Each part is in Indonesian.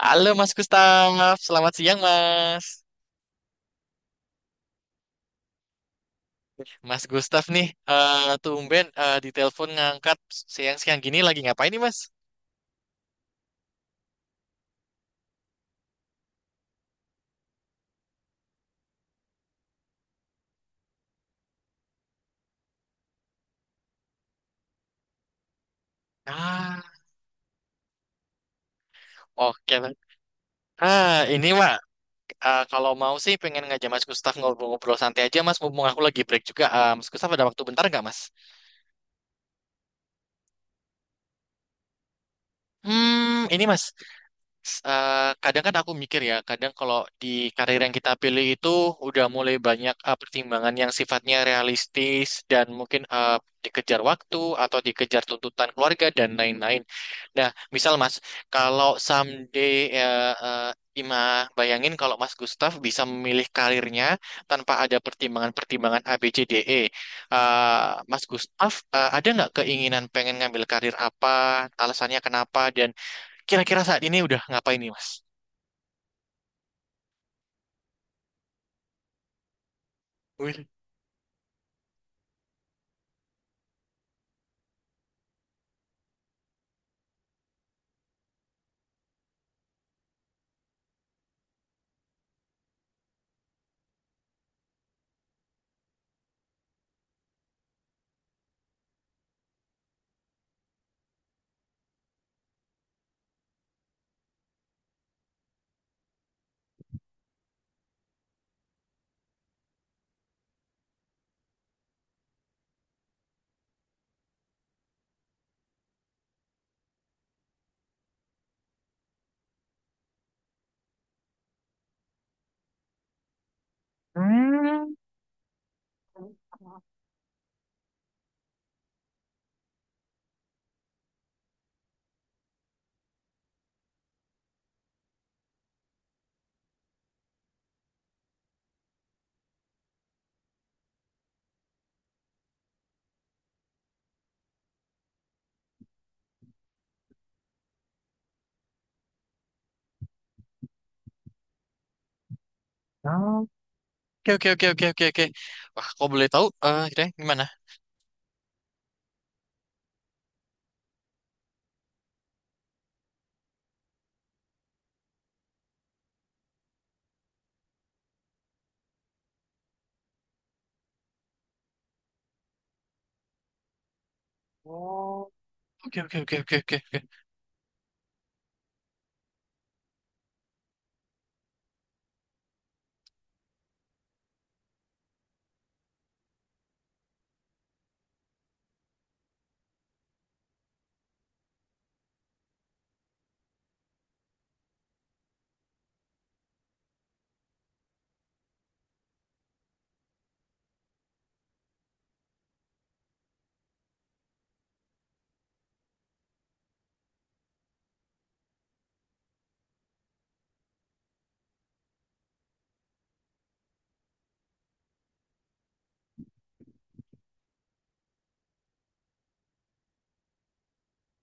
Halo Mas Gustaf, selamat siang Mas. Mas Gustaf nih, tumben di telepon ngangkat siang-siang gini lagi ngapain nih Mas? Ah, oke. Mas. Ah, ini Mak, kalau mau sih pengen ngajak Mas Gustaf ngobrol-ngobrol santai aja Mas, mumpung aku lagi break juga. Mas Gustaf ada waktu bentar nggak Mas? Hmm, ini Mas, kadang kan aku mikir ya, kadang kalau di karir yang kita pilih itu udah mulai banyak pertimbangan yang sifatnya realistis dan mungkin dikejar waktu atau dikejar tuntutan keluarga dan lain-lain. Nah, misal Mas, kalau someday Ima bayangin kalau Mas Gustaf bisa memilih karirnya tanpa ada pertimbangan-pertimbangan A, B, C, D, E. Mas Gustaf, ada nggak keinginan pengen ngambil karir apa? Alasannya kenapa? Dan kira-kira saat ini udah ngapain nih, Mas? Wih. Hmm. Oh. Oke, oke, oke, oke, oke, oke. Wah, kok boleh tahu? Eh, kira gimana? Oke, oke, oke, oke, oke, oke.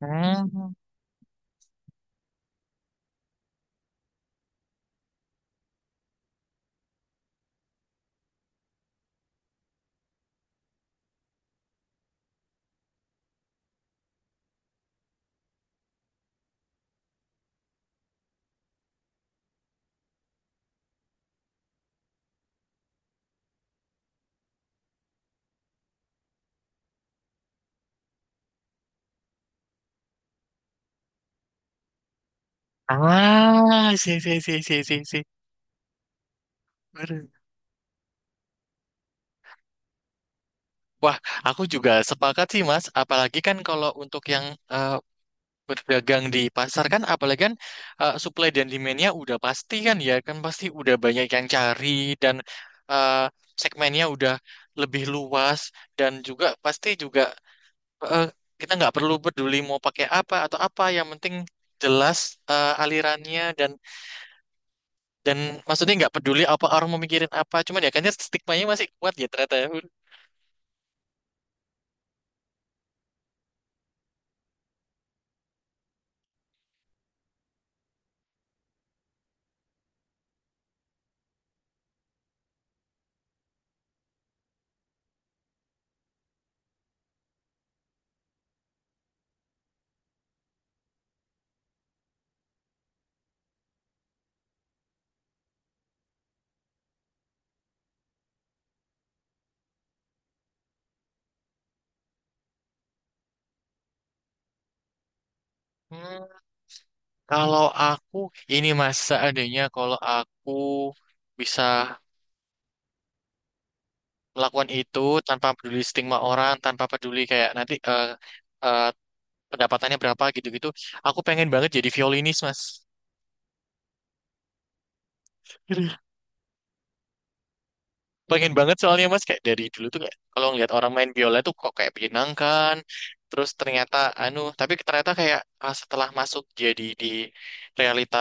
Hmm. Ah, si, si, si, si, si, si. Aduh. Wah, aku juga sepakat sih, Mas. Apalagi kan kalau untuk yang eh, berdagang di pasar kan, apalagi kan supply dan demand-nya udah pasti kan ya, kan pasti udah banyak yang cari dan eh, segmennya udah lebih luas dan juga pasti juga eh, kita nggak perlu peduli mau pakai apa atau apa yang penting jelas alirannya dan maksudnya nggak peduli apa orang mau mikirin apa cuman ya kayaknya stigmanya masih kuat ya ternyata ya. Hmm, kalau aku ini mas seandainya kalau aku bisa melakukan itu tanpa peduli stigma orang tanpa peduli kayak nanti eh, pendapatannya berapa gitu-gitu aku pengen banget jadi violinis mas, pengen banget soalnya mas kayak dari dulu tuh kayak kalau ngeliat orang main biola tuh kok kayak menyenangkan terus ternyata anu tapi ternyata kayak ah, setelah masuk jadi di realita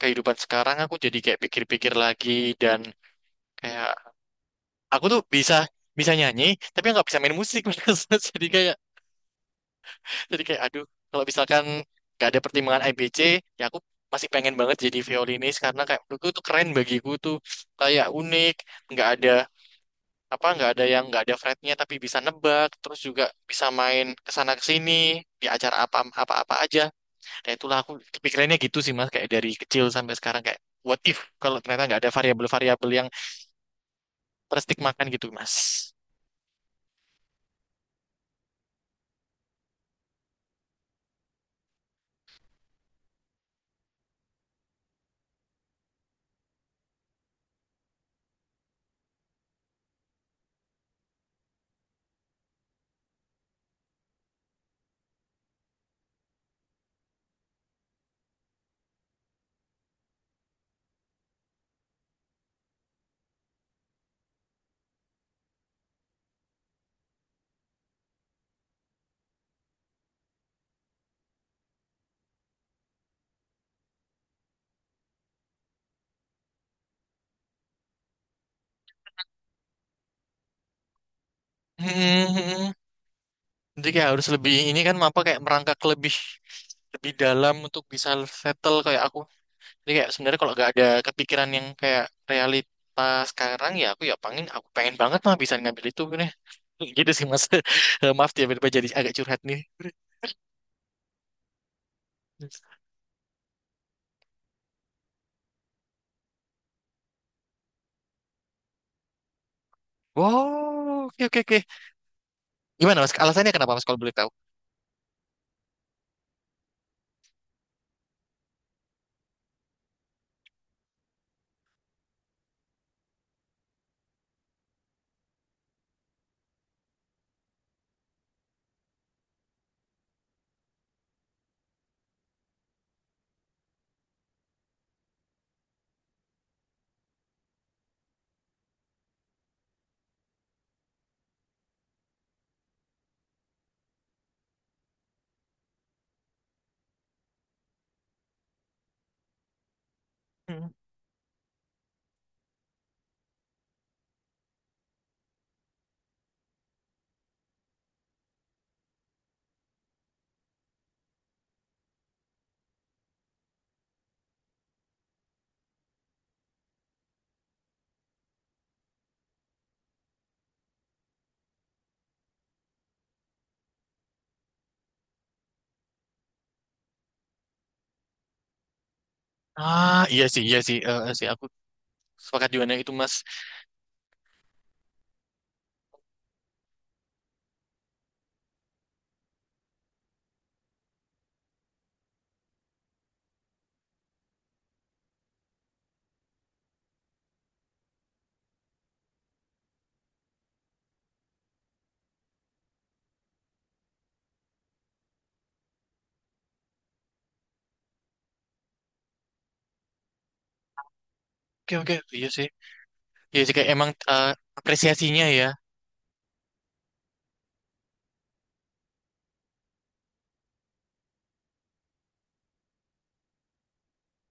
kehidupan sekarang aku jadi kayak pikir-pikir lagi dan kayak aku tuh bisa bisa nyanyi tapi nggak bisa main musik Mas. jadi kayak jadi kayak aduh kalau misalkan gak ada pertimbangan IBC ya aku masih pengen banget jadi violinis karena kayak menurutku tuh keren bagiku tuh kayak unik nggak ada apa nggak ada yang nggak ada fretnya tapi bisa nebak terus juga bisa main kesana kesini di acara apa apa apa aja. Nah itulah aku kepikirannya gitu sih mas kayak dari kecil sampai sekarang kayak what if kalau ternyata nggak ada variabel-variabel yang terstigmakan gitu mas. Hmm, jadi kayak harus lebih ini kan apa kayak merangkak lebih lebih dalam untuk bisa settle kayak aku. Jadi kayak sebenarnya kalau nggak ada kepikiran yang kayak realita sekarang ya aku ya pengen pengen banget mah bisa ngambil itu nih. Gitu sih Mas. Maaf ya, tiba-tiba jadi agak curhat nih. Wow, oke oke oke. Gimana Mas? Alasannya kenapa Mas kalau boleh tahu? Ah, iya sih, sih aku sepakat juga dengan itu Mas. Oke oke, iya sih. Iya sih kayak emang apresiasinya ya.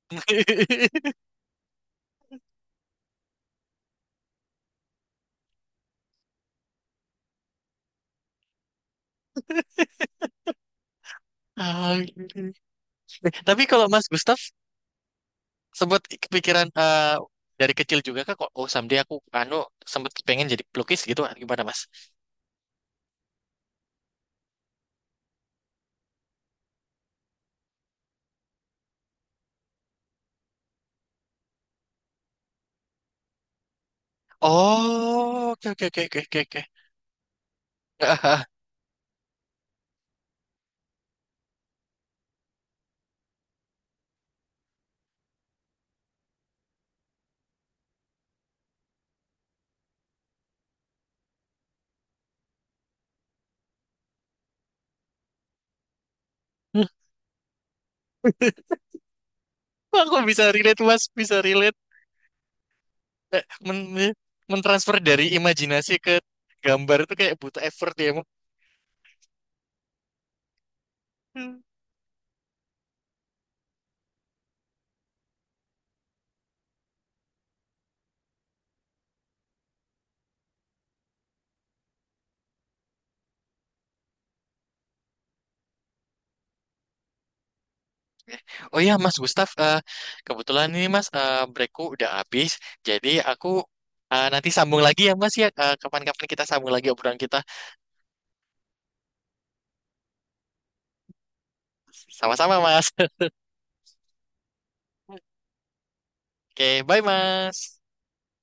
Ah, gitu. Tapi kalau Mas Gustaf sempet kepikiran dari kecil juga kak kok oh someday aku anu sempet pengen jadi pelukis gitu gimana Mas? Oh, oke oke oke oke oke. oke. Ah, ah. Aku bisa relate Mas, bisa relate. Eh, Men men- mentransfer dari imajinasi ke gambar itu kayak butuh effort ya. Mas. Oh iya Mas Gustaf, kebetulan ini Mas breakku udah habis, jadi aku nanti sambung lagi ya Mas ya. Eh, kapan-kapan kita sambung lagi obrolan kita. Sama-sama Mas. Oke, bye Mas.